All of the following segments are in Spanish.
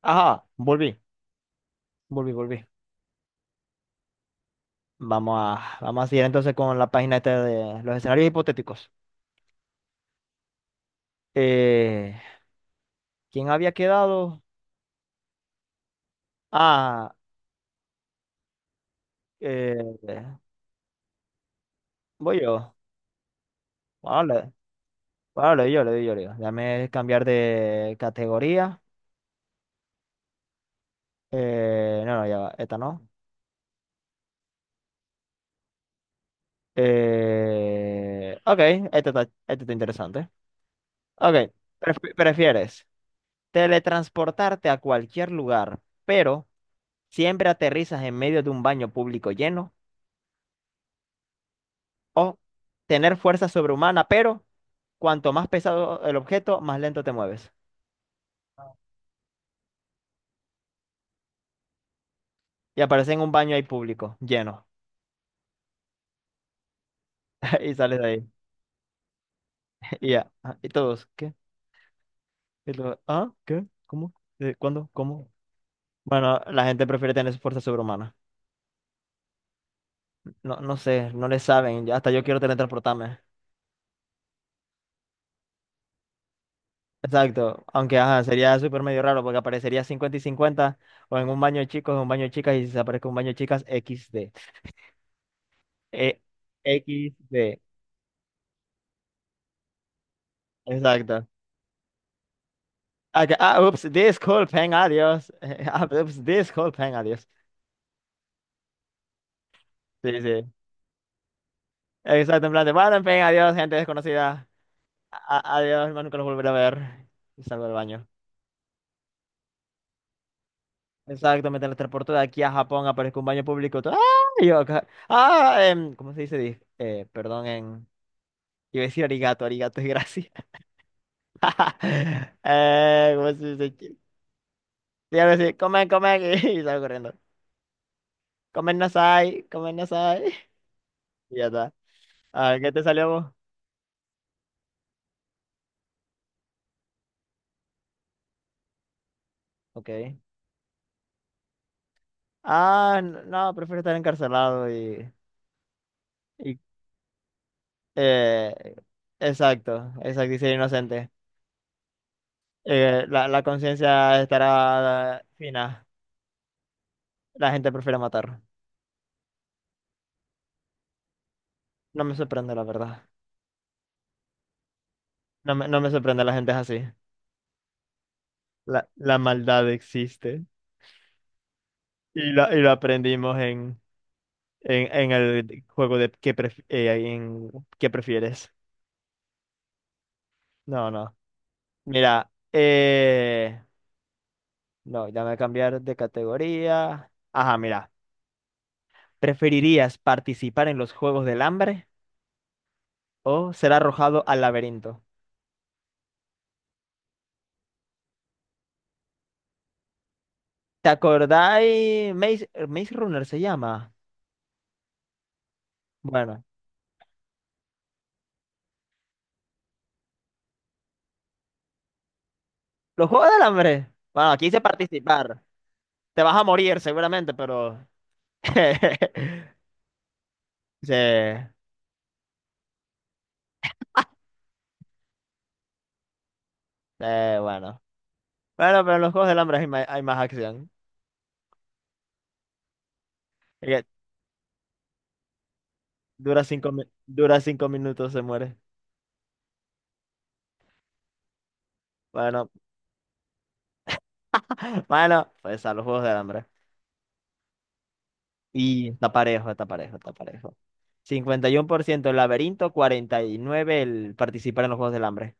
Ajá, volví, volví, volví. Vamos a seguir entonces con la página esta de los escenarios hipotéticos. Eh, ¿quién había quedado? Ah, eh, voy yo. Bueno, le, bueno, le doy yo, le doy yo, le doy yo. Déjame cambiar de categoría. No, no, ya va, esta no. Ok, esta está interesante. Ok, ¿prefieres teletransportarte a cualquier lugar, pero siempre aterrizas en medio de un baño público lleno? O tener fuerza sobrehumana, pero cuanto más pesado el objeto, más lento te mueves. Y aparece en un baño ahí público, lleno. Y sales de ahí. Y ya. Ah, y todos, ¿qué? Y luego, ¿ah? ¿Qué? ¿Cómo? ¿Cuándo? ¿Cómo? Bueno, la gente prefiere tener su fuerza sobrehumana. No, no sé, no le saben. Ya hasta yo quiero teletransportarme. Exacto. Aunque, ajá, sería súper medio raro porque aparecería 50 y 50 o en un baño de chicos, en un baño de chicas, y si se aparece un baño de chicas, XD. Eh, equis de. Exacto. Ah, ups, disculpen, adiós. Ah, ups, disculpen, adiós. Sí, sí. Exacto, en plan de, bueno, en fin, adiós, gente desconocida. Adiós, más nunca los volveré a ver. Y salgo del baño. Exacto, me teletransporto de aquí a Japón, aparezco en un baño público. ¡Ah! Y yo acá. Ah, ¿cómo se dice? Perdón, en... Iba a decir arigato, arigato es gracias. ¿Cómo se dice? Sí, algo así, comen, comen, y salgo corriendo. Comen nasai, comen nasai. Y ya está. A ver, ¿qué te salió vos? Ok. Ah, no, prefiero estar encarcelado y, y, eh, exacto, exacto, y ser inocente. La conciencia estará fina. La gente prefiere matar. No me sorprende, la verdad. No me sorprende, la gente es así. La maldad existe. Y lo aprendimos en, en el juego de qué, en qué prefieres. No, no. Mira, no, ya me voy a cambiar de categoría. Ajá, mira. ¿Preferirías participar en los Juegos del Hambre o ser arrojado al laberinto? ¿Te acordáis? Maze Runner se llama. Bueno, los Juegos del Hambre. Bueno, aquí dice participar. Te vas a morir seguramente, pero... Sí, sí, bueno. Bueno, pero en los Juegos del Hambre hay más acción. Es que dura 5 minutos, se muere. Bueno, bueno, pues a los Juegos del Hambre. Y está parejo, está parejo, está parejo. 51% el laberinto, 49% el participar en los Juegos del Hambre.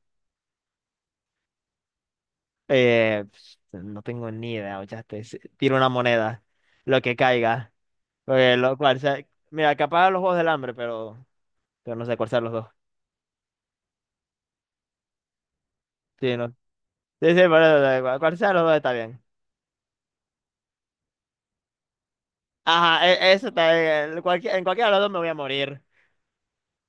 Eh, pues, no tengo ni idea, ¿ochaste? Tiro una moneda, lo que caiga. Porque mira, capaz los Juegos del Hambre, pero no sé cuál sean los dos. Sí, no. Sí, sí, por eso, cual sea los dos está bien. Ajá, eso está bien. En cualquiera de los dos me voy a morir.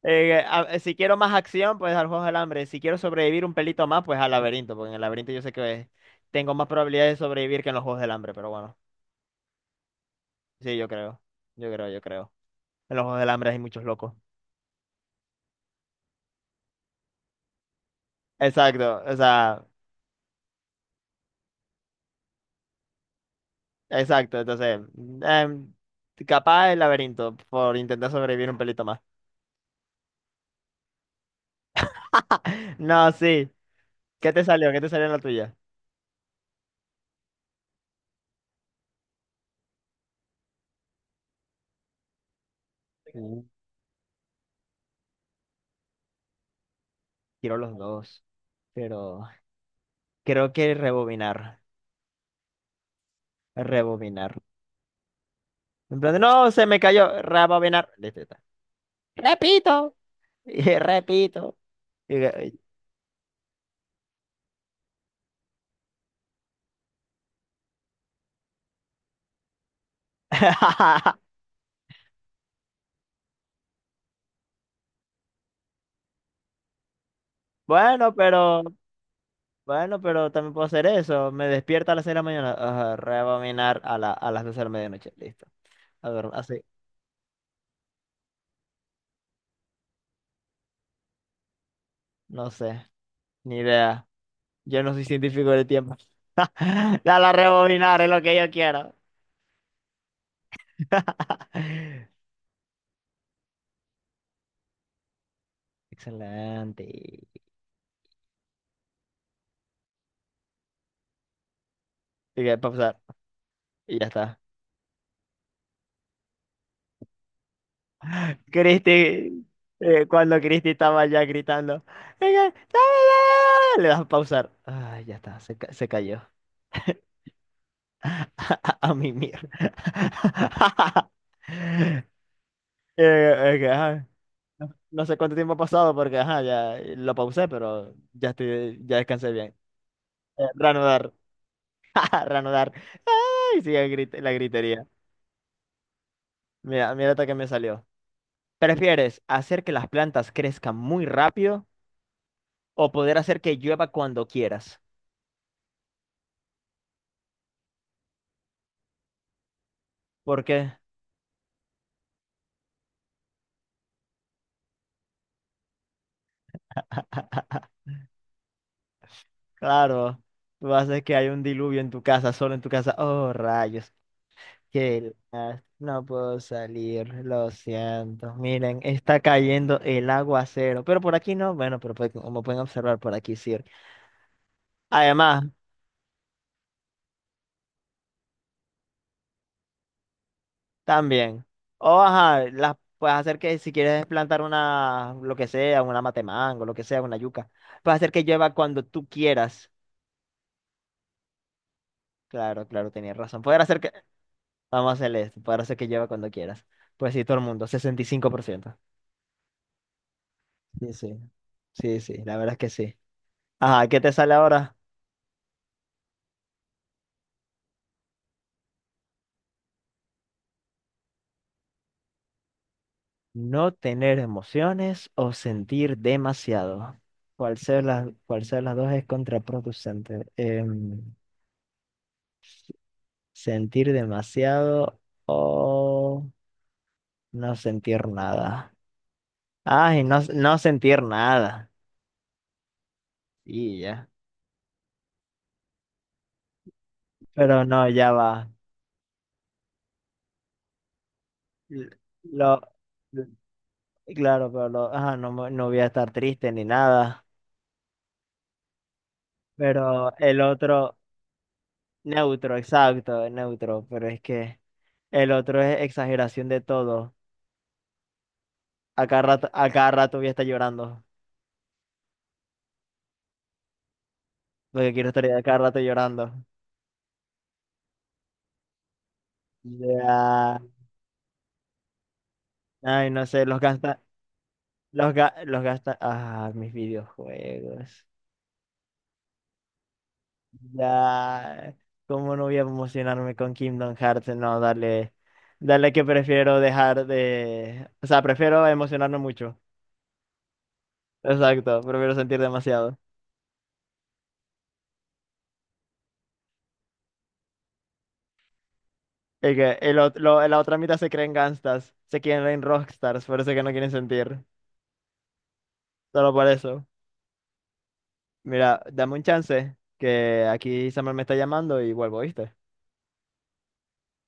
Si quiero más acción, pues al Juegos del Hambre. Si quiero sobrevivir un pelito más, pues al laberinto, porque en el laberinto yo sé que tengo más probabilidades de sobrevivir que en los Juegos del Hambre, pero bueno. Sí, yo creo. Yo creo, yo creo. En los Juegos del Hambre hay muchos locos. Exacto, o sea, exacto. Entonces, em, capaz el laberinto por intentar sobrevivir un pelito más. No, sí. ¿Qué te salió? ¿Qué te salió en la tuya? Uh, quiero los dos, pero creo que rebobinar. Rebobinar. En plan de, no, se me cayó. Rebobinar. Listo, ya está. Repito. Y repito. Y- Bueno, pero bueno, pero también puedo hacer eso. Me despierta a las 6 de la mañana. Ajá, rebobinar a las 12 de la medianoche. Listo. A ver, así. No sé. Ni idea. Yo no soy científico del tiempo. Dale a rebobinar, es lo que yo quiero. Excelente. Y que pasar. Y ya está. Cristi, cuando Cristi estaba ya gritando, "Venga, dame, dame, dame", le das a pausar. Ay, ya está, se cayó. A mimir. Que, ay. No sé cuánto tiempo ha pasado porque, ajá, ya lo pausé, pero ya estoy, ya descansé bien. Reanudar, reanudar. Ay, sigue la gritería. Mira, mira hasta que me salió. ¿Prefieres hacer que las plantas crezcan muy rápido o poder hacer que llueva cuando quieras? Porque, claro, tú haces que hay un diluvio en tu casa, solo en tu casa. Oh, rayos. No puedo salir, lo siento. Miren, está cayendo el aguacero, pero por aquí no. Bueno, pero pues, como pueden observar, por aquí sí. Además, también, o ajá, las puedes hacer que si quieres plantar una, lo que sea, una matemango, lo que sea, una yuca, puedes hacer que llueva cuando tú quieras. Claro, claro, tenías razón. Poder hacer que, vamos a hacer esto, poder hacer que llueva cuando quieras. Pues sí, todo el mundo, 65%. Sí, sí. Sí, sí, la verdad es que sí. Ajá, ¿qué te sale ahora? No tener emociones o sentir demasiado. Cual sea las dos es contraproducente. Sentir demasiado o no sentir nada. Ay, no, no sentir nada. Y ya. Pero no, ya va. L- Lo, l- claro, pero ajá, no, no voy a estar triste ni nada. Pero el otro, neutro, exacto, neutro. Pero es que el otro es exageración de todo. A cada rato voy a estar llorando. Lo que quiero estar a cada rato llorando. Ya. Ay, no sé, los gasta. Ah, mis videojuegos. Ya. ¿Cómo no voy a emocionarme con Kingdom Hearts? No, dale. Dale que prefiero dejar de. O sea, prefiero emocionarme mucho. Exacto, prefiero sentir demasiado. Es que la otra mitad se creen gangstas, se quieren rockstars, por eso que no quieren sentir. Solo por eso. Mira, dame un chance, que aquí Samuel me está llamando y vuelvo, ¿viste?